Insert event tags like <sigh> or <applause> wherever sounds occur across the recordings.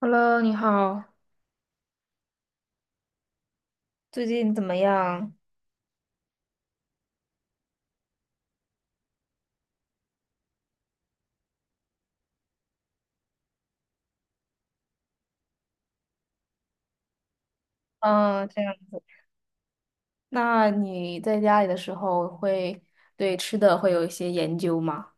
Hello，你好，最近怎么样？嗯，这样。那你在家里的时候会对吃的会有一些研究吗？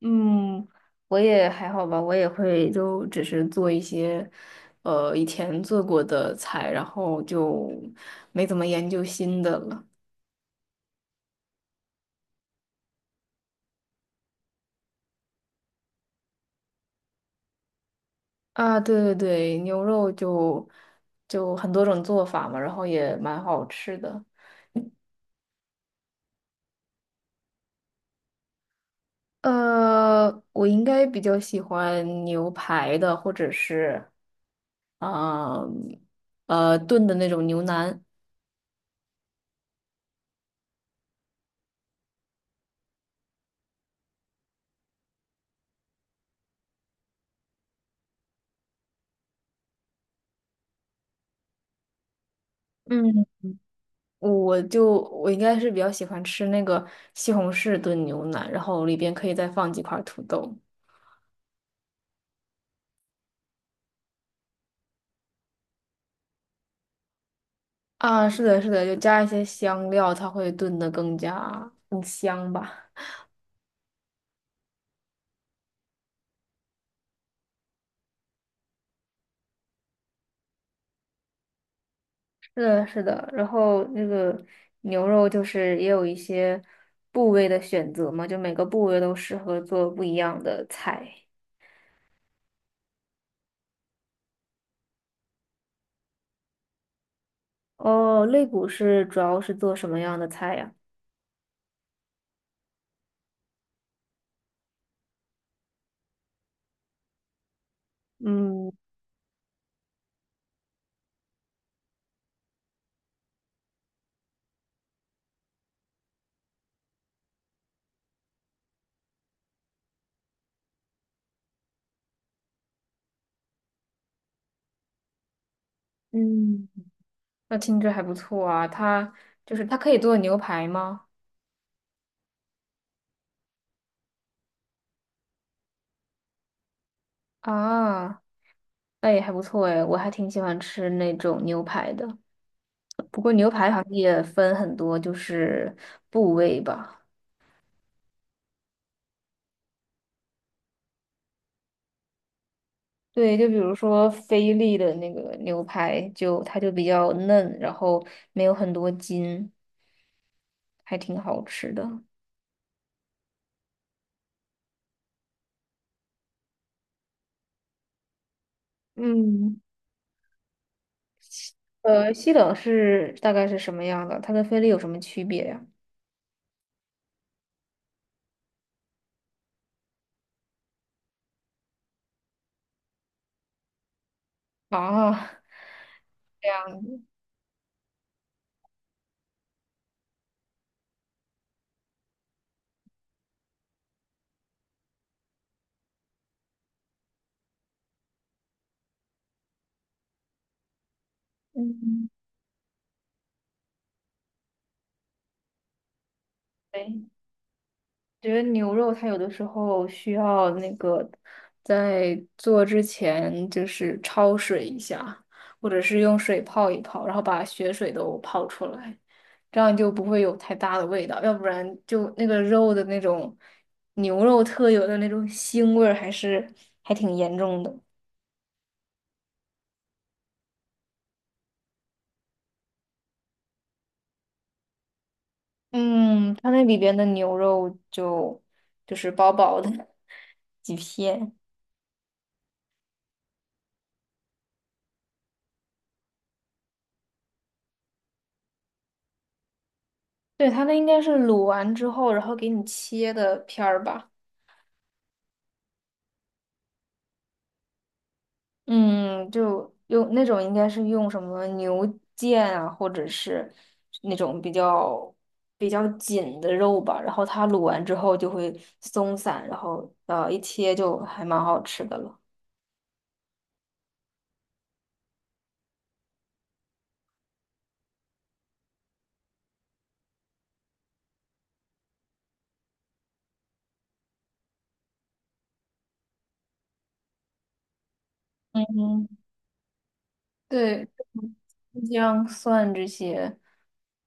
嗯，我也还好吧，我也会就只是做一些，以前做过的菜，然后就没怎么研究新的了。啊，对对对，牛肉就很多种做法嘛，然后也蛮好吃的。呃，我应该比较喜欢牛排的，或者是啊呃炖的那种牛腩。嗯，我应该是比较喜欢吃那个西红柿炖牛腩，然后里边可以再放几块土豆。啊，是的，是的，就加一些香料，它会炖的更加更香吧。是的，是的，然后那个牛肉就是也有一些部位的选择嘛，就每个部位都适合做不一样的菜。哦，肋骨是主要是做什么样的菜呀？嗯嗯，那听着还不错啊，它就是它可以做牛排吗？啊，那也还不错诶，我还挺喜欢吃那种牛排的。不过牛排好像也分很多，就是部位吧。对，就比如说菲力的那个牛排，就它就比较嫩，然后没有很多筋，还挺好吃的。嗯，西冷是大概是什么样的？它跟菲力有什么区别呀？啊，<laughs> 这样子，嗯，对。觉得牛肉它有的时候需要那个在做之前就是焯水一下，或者是用水泡一泡，然后把血水都泡出来，这样就不会有太大的味道，要不然就那个肉的那种牛肉特有的那种腥味儿还是还挺严重的。嗯，它那里边的牛肉就是薄薄的 <laughs> 几片，对，它那应该是卤完之后，然后给你切的片儿吧。嗯，就用那种应该是用什么牛腱啊，或者是那种比较紧的肉吧，然后它卤完之后就会松散，然后一切就还蛮好吃的了。嗯，对，姜蒜这些，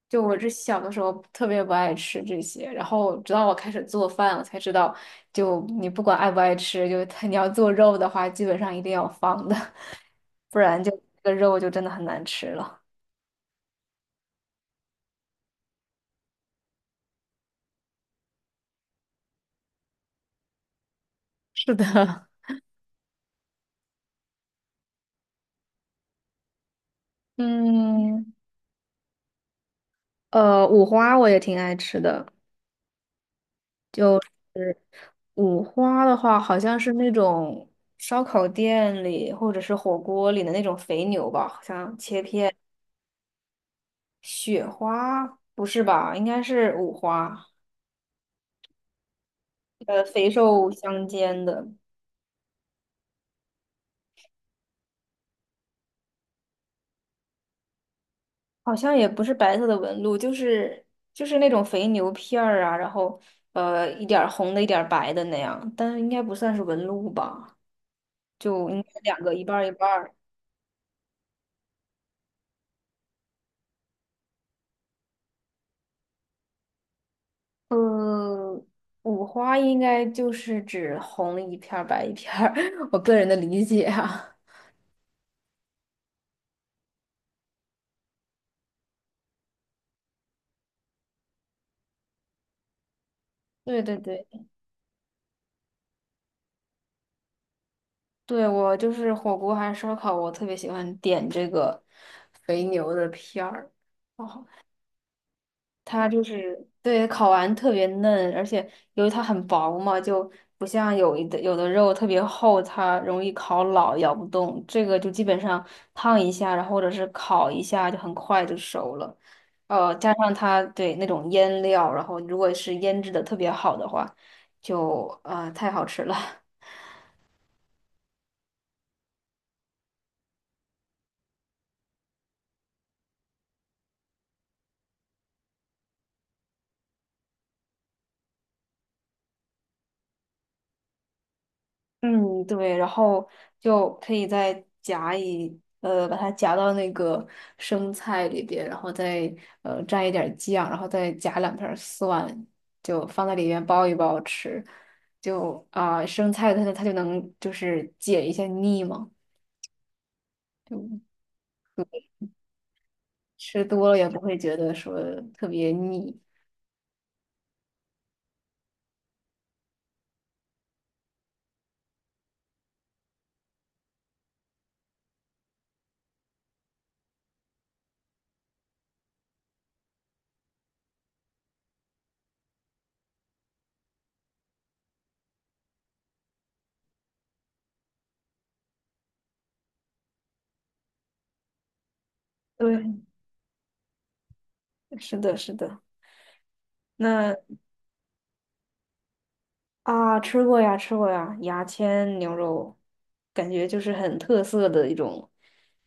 就我这小的时候特别不爱吃这些，然后直到我开始做饭，我才知道，就你不管爱不爱吃，就 <laughs> 它你要做肉的话，基本上一定要放的。不然就这个肉就真的很难吃了。是的，<laughs> 嗯，五花我也挺爱吃的，就是五花的话，好像是那种烧烤店里或者是火锅里的那种肥牛吧，好像切片雪花，不是吧？应该是五花。肥瘦相间的，好像也不是白色的纹路，就是那种肥牛片儿啊，然后一点儿红的，一点儿白的那样，但是应该不算是纹路吧。就应该两个一半儿一半儿。呃，五花应该就是指红一片儿白一片儿，<laughs> 我个人的理解啊。对对对，对我就是火锅还是烧烤，我特别喜欢点这个肥牛的片儿。哦它就是对烤完特别嫩，而且由于它很薄嘛，就不像有的肉特别厚，它容易烤老，咬不动。这个就基本上烫一下，然后或者是烤一下，就很快就熟了。加上它对那种腌料，然后如果是腌制的特别好的话，就太好吃了。嗯，对，然后就可以再夹一，呃，把它夹到那个生菜里边，然后再蘸一点儿酱，然后再夹两片儿蒜，就放在里面包一包吃，就啊、生菜它就能就是解一下腻嘛，就吃多了也不会觉得说特别腻。对，是的，是的。那啊，吃过呀，吃过呀，牙签牛肉，感觉就是很特色的一种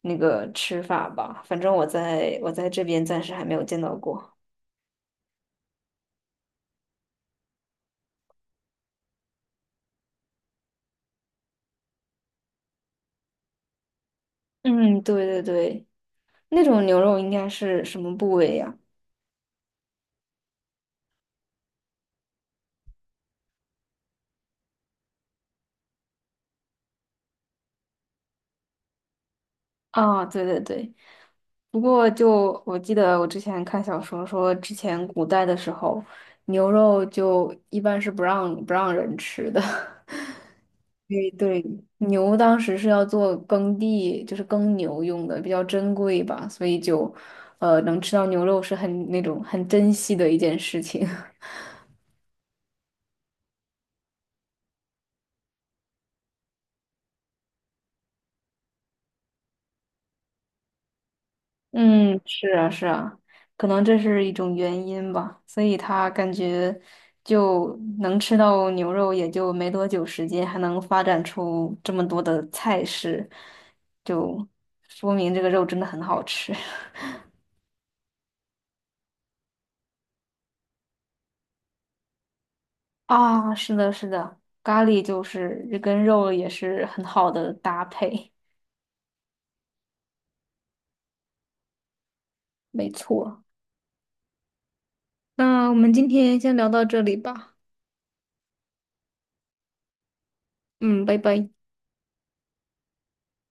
那个吃法吧。反正我在这边暂时还没有见到过。嗯，对对对，那种牛肉应该是什么部位呀？啊，对对对。不过就我记得我之前看小说说，之前古代的时候，牛肉就一般是不让人吃的。<laughs> 对对，牛当时是要做耕地，就是耕牛用的，比较珍贵吧，所以就，能吃到牛肉是很那种很珍惜的一件事情。<laughs> 嗯，是啊，是啊，可能这是一种原因吧，所以他感觉就能吃到牛肉，也就没多久时间，还能发展出这么多的菜式，就说明这个肉真的很好吃。啊，是的，是的，咖喱就是跟肉也是很好的搭配，没错。那我们今天先聊到这里吧，嗯，拜拜。